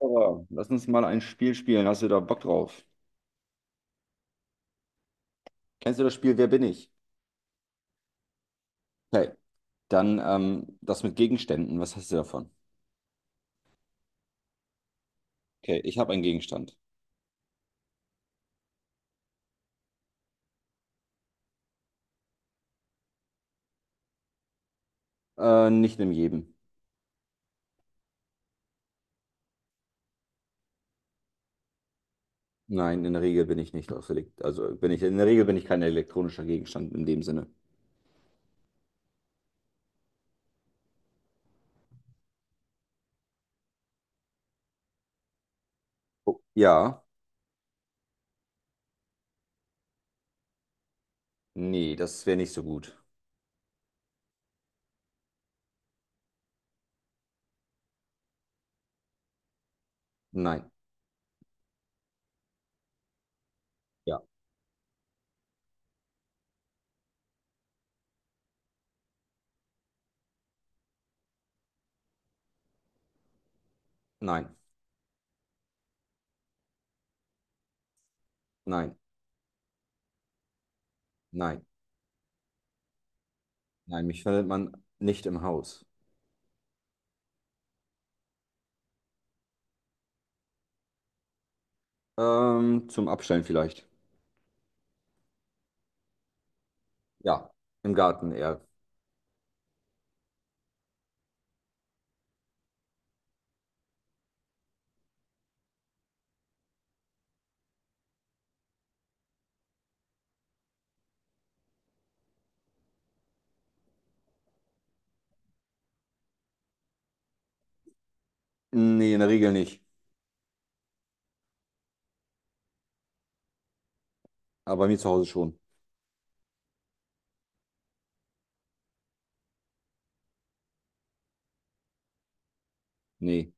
Aber lass uns mal ein Spiel spielen. Hast du da Bock drauf? Kennst du das Spiel Wer bin ich? Okay. Dann das mit Gegenständen. Was hast du davon? Okay, ich habe einen Gegenstand. Nicht in jedem. Nein, in der Regel bin ich nicht aus Elekt also bin ich kein elektronischer Gegenstand in dem Sinne. Oh, ja, nee, das wäre nicht so gut. Nein, ja, nein, nein, nein, nein. Mich findet man nicht im Haus. Zum Abstellen vielleicht. Ja, im Garten eher. Nee, in der Regel nicht. Aber bei mir zu Hause schon. Nee,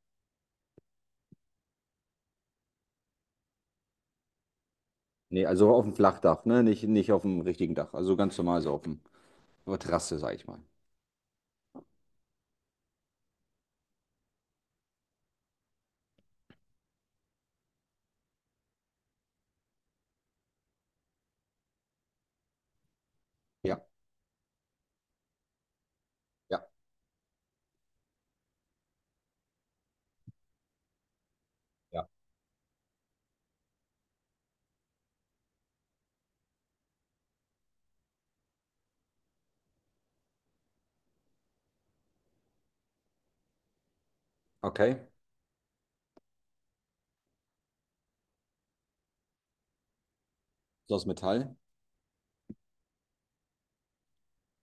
nee, also auf dem Flachdach, ne? Nicht auf dem richtigen Dach. Also ganz normal so auf dem, auf der Terrasse, sag ich mal. Ja, ja, ja. Okay. Ist aus Metall.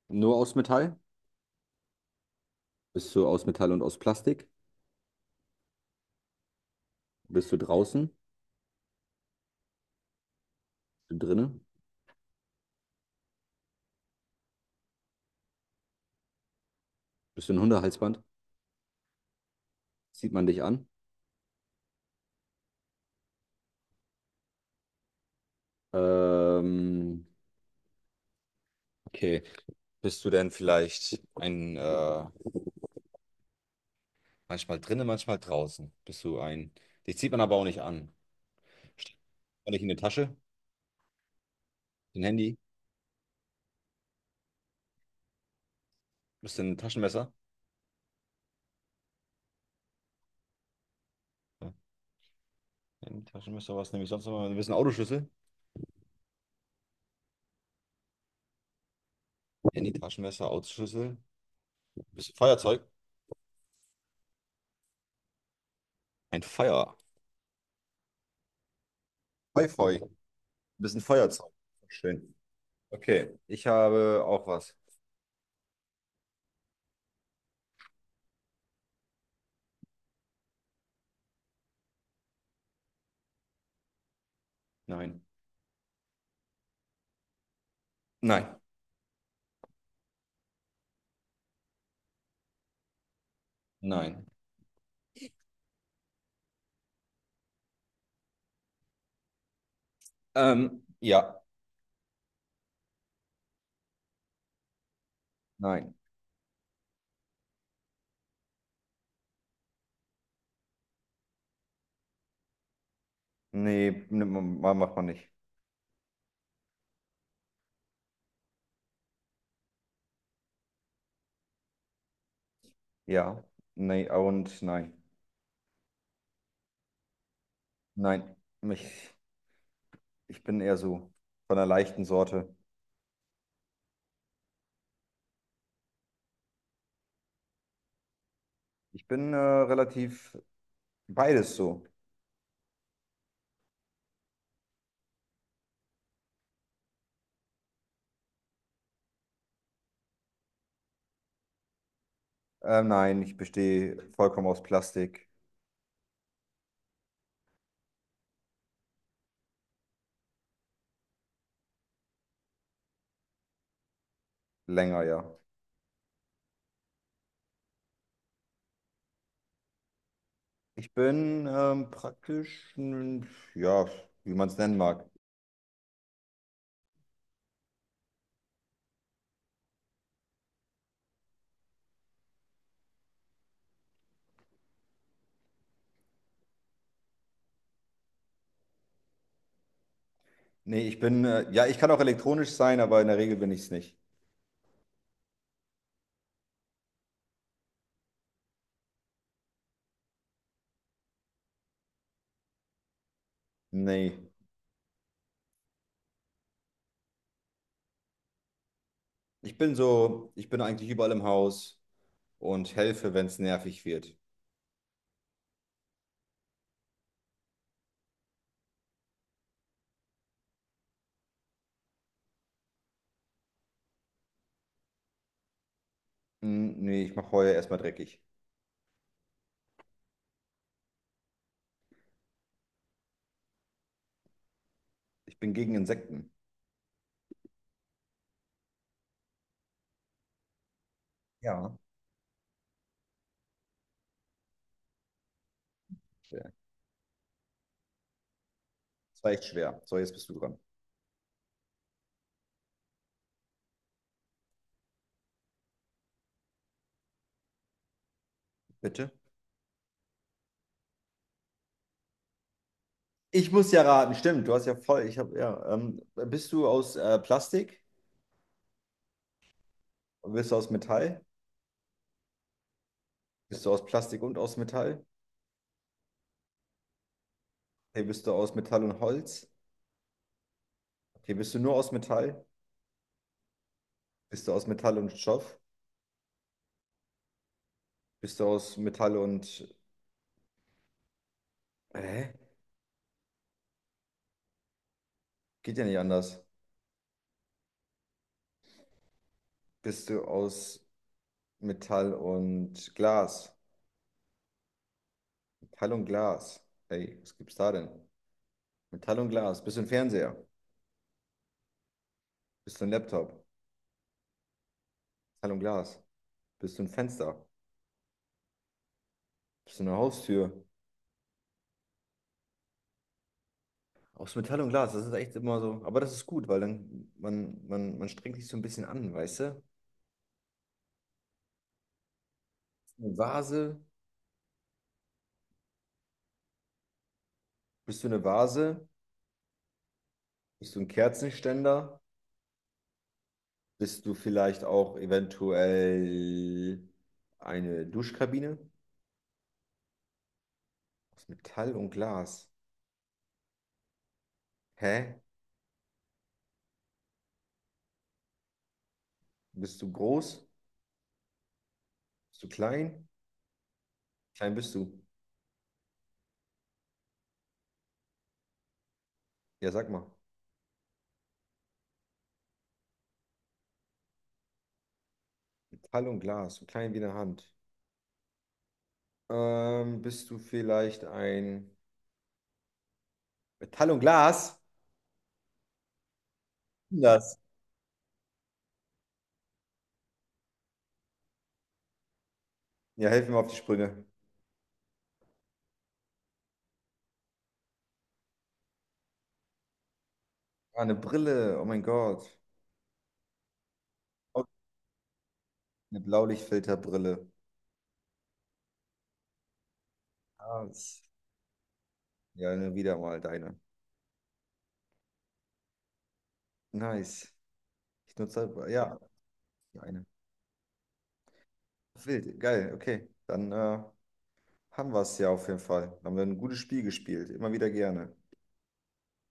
Nur aus Metall? Bist du aus Metall und aus Plastik? Bist du draußen? Bist du drinnen? Bist du ein Hundehalsband? Sieht man dich an? Ähm, okay. Bist du denn vielleicht ein, manchmal drinnen, manchmal draußen? Bist du ein, dich zieht man aber auch nicht an. Steckt man dich in eine Tasche? Ein Handy? Bist du ein Taschenmesser? Handy-Taschenmesser, was nehme ich sonst noch? Du bist ein Autoschlüssel. Handy-Taschenmesser, Autoschlüssel. Du bist Feuerzeug. Ein Feuer. Feu, feu. Du bist Feuerzeug. Schön. Okay. Ich habe auch was. Nein. Nein. Nein. Ja. Nein. Nee, nimmt man- ma- macht man nicht. Ja. Nee, und nein. Nein. Ich, ich bin eher so von der leichten Sorte. Ich bin relativ beides so. Nein, ich bestehe vollkommen aus Plastik. Länger, ja. Ich bin praktisch, n- ja, wie man es nennen mag. Nee, ich bin, ja, ich kann auch elektronisch sein, aber in der Regel bin ich es nicht. Nee, ich bin so, ich bin eigentlich überall im Haus und helfe, wenn es nervig wird. Hm, nee, ich mache Heuer erstmal dreckig. Ich bin gegen Insekten. Ja. Ja, das war echt schwer. So, jetzt bist du dran. Bitte? Ich muss ja raten, stimmt, du hast ja voll, ich habe, ja, bist du aus Plastik? Bist du aus Metall? Bist du aus Plastik und aus Metall? Hey, bist du aus Metall und Holz? Okay, bist du nur aus Metall? Bist du aus Metall und Stoff? Bist du aus Metall und... Hä? Geht ja nicht anders. Bist du aus Metall und Glas? Metall und Glas. Ey, was gibt's da denn? Metall und Glas. Bist du ein Fernseher? Bist du ein Laptop? Metall und Glas. Bist du ein Fenster? Bist du eine Haustür? Aus Metall und Glas, das ist echt immer so. Aber das ist gut, weil dann man strengt sich so ein bisschen an, weißt du? Eine Vase? Bist du eine Vase? Bist du ein Kerzenständer? Bist du vielleicht auch eventuell eine Duschkabine aus Metall und Glas? Hä? Bist du groß? Bist du klein? Klein bist du. Ja, sag mal. Metall und Glas, so klein wie eine Hand. Bist du vielleicht ein Metall und Glas? Das. Ja, helf mir mal auf die Sprünge. Ah, eine Brille. Oh mein Gott. Eine Blaulichtfilterbrille. Ah, das- Ja, nur wieder mal deine. Nice. Ich nutze, ja, eine. Wild, geil, okay. Dann haben wir es ja auf jeden Fall. Haben wir ein gutes Spiel gespielt. Immer wieder gerne.